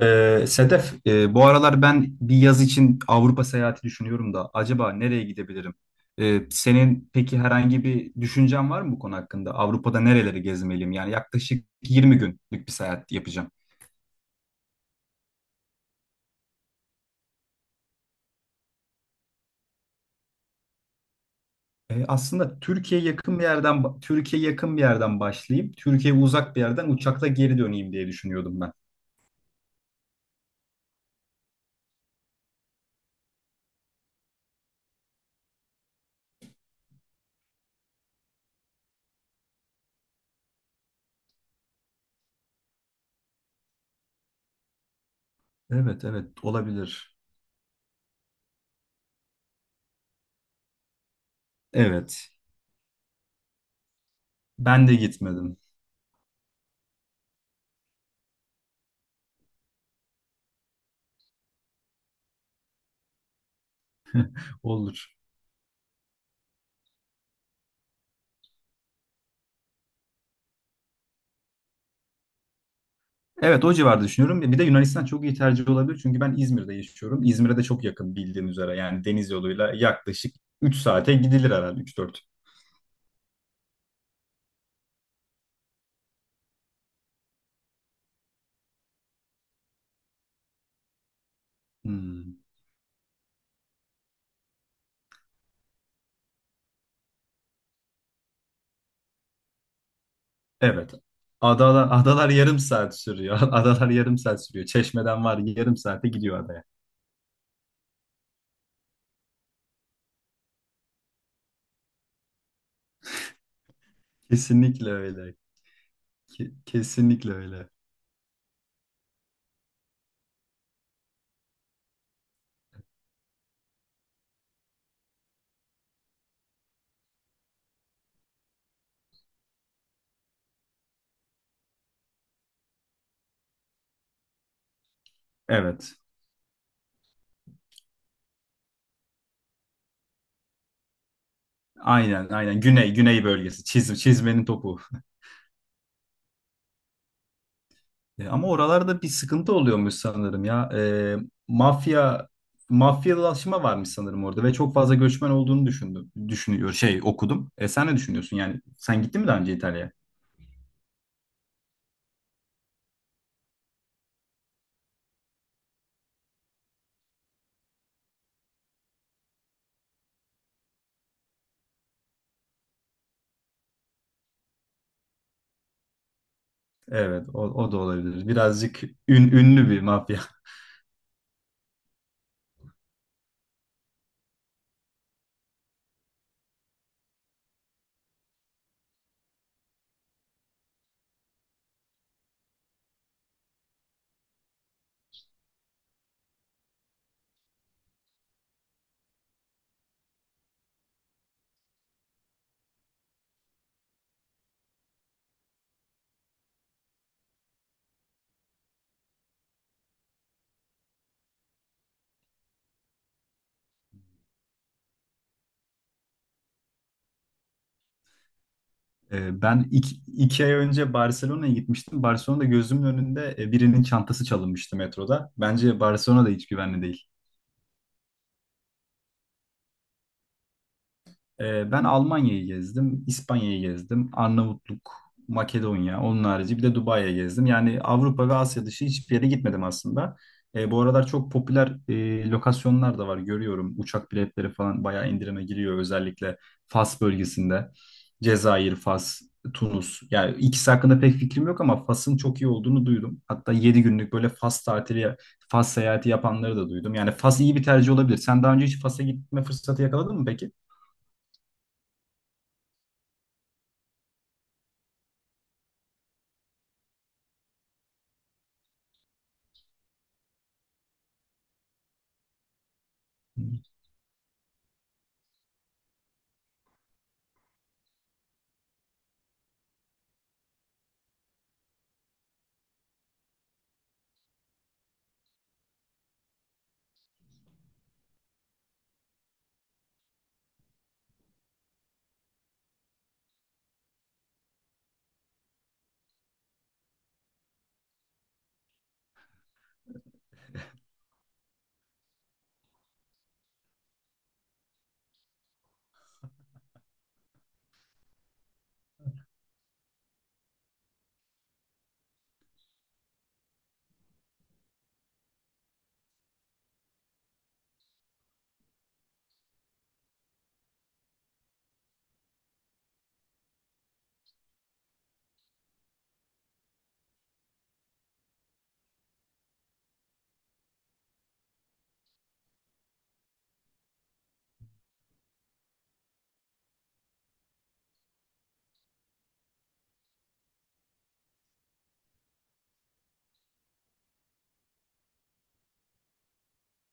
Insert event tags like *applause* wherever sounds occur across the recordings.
Sedef, bu aralar ben bir yaz için Avrupa seyahati düşünüyorum da acaba nereye gidebilirim? Senin peki herhangi bir düşüncen var mı bu konu hakkında? Avrupa'da nereleri gezmeliyim? Yani yaklaşık 20 günlük bir seyahat yapacağım. Aslında Türkiye'ye yakın bir yerden başlayıp Türkiye'ye uzak bir yerden uçakla geri döneyim diye düşünüyordum ben. Evet, evet, olabilir. Evet. Ben de gitmedim. Olur. Evet, o civarda düşünüyorum. Bir de Yunanistan çok iyi tercih olabilir. Çünkü ben İzmir'de yaşıyorum. İzmir'e de çok yakın bildiğin üzere. Yani deniz yoluyla yaklaşık 3 saate gidilir herhalde, üç dört. Hmm. Evet. Adalar, adalar yarım saat sürüyor. *laughs* Adalar yarım saat sürüyor. Çeşmeden var, yarım saate gidiyor adaya. Kesinlikle öyle. Kesinlikle öyle. Evet. Aynen aynen. Güney, güney bölgesi. Çizmenin topu. Ama oralarda bir sıkıntı oluyormuş sanırım ya. Mafya mafyalaşma varmış sanırım orada ve çok fazla göçmen olduğunu düşündüm. Düşünüyor şey okudum. Sen ne düşünüyorsun? Yani sen gittin mi daha önce İtalya'ya? Evet, o da olabilir. Birazcık ünlü bir mafya. Ben iki ay önce Barcelona'ya gitmiştim. Barcelona'da gözümün önünde birinin çantası çalınmıştı metroda. Bence Barcelona da hiç güvenli değil. Ben Almanya'yı gezdim, İspanya'yı gezdim, Arnavutluk, Makedonya, onun harici bir de Dubai'ye gezdim. Yani Avrupa ve Asya dışı hiçbir yere gitmedim aslında. Bu aralar çok popüler lokasyonlar da var görüyorum. Uçak biletleri falan bayağı indirime giriyor, özellikle Fas bölgesinde. Cezayir, Fas, Tunus. Yani ikisi hakkında pek fikrim yok ama Fas'ın çok iyi olduğunu duydum. Hatta 7 günlük böyle Fas tatili, Fas seyahati yapanları da duydum. Yani Fas iyi bir tercih olabilir. Sen daha önce hiç Fas'a gitme fırsatı yakaladın mı peki?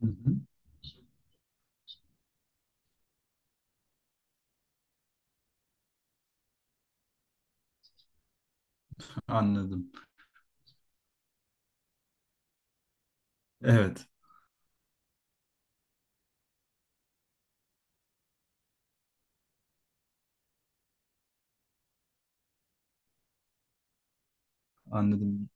Hı hı, anladım. Evet, anladım.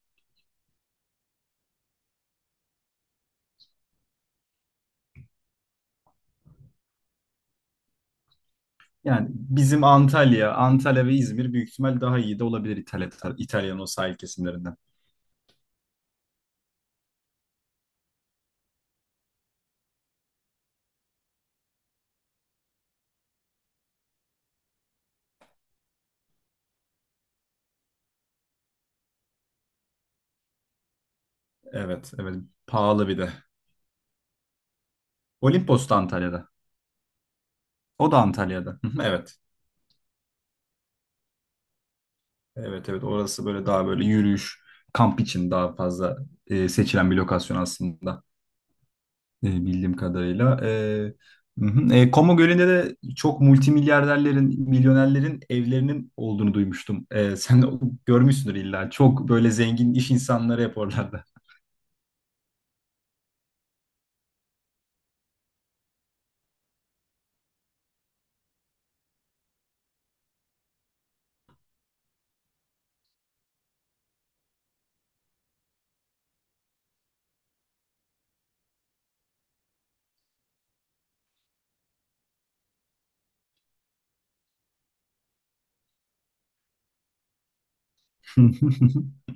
Yani bizim Antalya, Antalya ve İzmir büyük ihtimal daha iyi de olabilir İtalyan o sahil kesimlerinden. Evet, evet. Pahalı bir de. Olimpos da Antalya'da. O da Antalya'da. Hı hı, evet. Evet, evet. Orası böyle daha böyle yürüyüş, kamp için daha fazla seçilen bir lokasyon aslında. Bildiğim kadarıyla. Hı hı. Como Gölü'nde de çok multimilyarderlerin, milyonerlerin evlerinin olduğunu duymuştum. *laughs* Sen de görmüşsündür illa. Çok böyle zengin iş insanları hep oralarda. *laughs*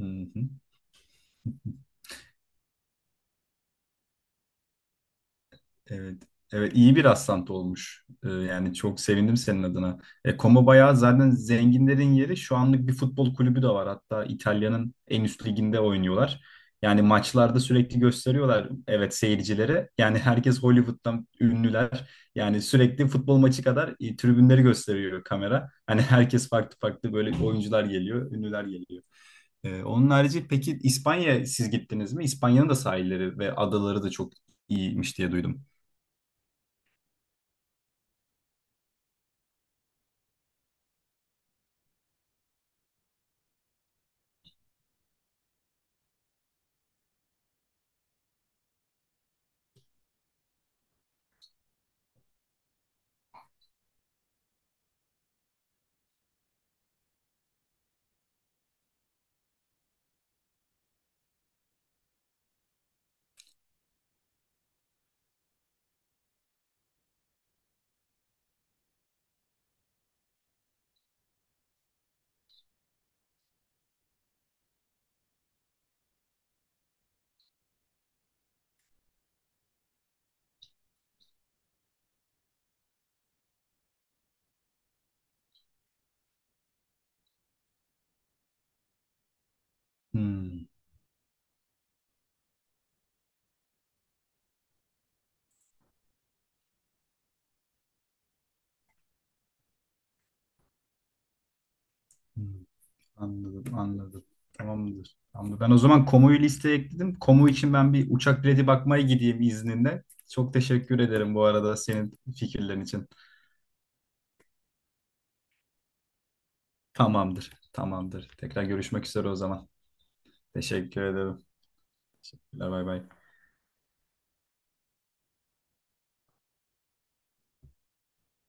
Hı hı. Evet. Evet, iyi bir rastlantı olmuş. Yani çok sevindim senin adına. Como bayağı zaten zenginlerin yeri. Şu anlık bir futbol kulübü de var. Hatta İtalya'nın en üst liginde oynuyorlar. Yani maçlarda sürekli gösteriyorlar, evet, seyircilere. Yani herkes Hollywood'dan ünlüler. Yani sürekli futbol maçı kadar tribünleri gösteriyor kamera. Hani herkes farklı farklı böyle oyuncular geliyor, ünlüler geliyor. Onun harici peki İspanya siz gittiniz mi? İspanya'nın da sahilleri ve adaları da çok iyiymiş diye duydum. Hmm, hmm. Anladım, anladım. Tamamdır. Tamamdır. Ben o zaman Komu'yu listeye ekledim. Komu için ben bir uçak bileti bakmaya gideyim izninle. Çok teşekkür ederim bu arada senin fikirlerin için. Tamamdır, tamamdır. Tekrar görüşmek üzere o zaman. Teşekkür ederim. Teşekkürler, bay bay.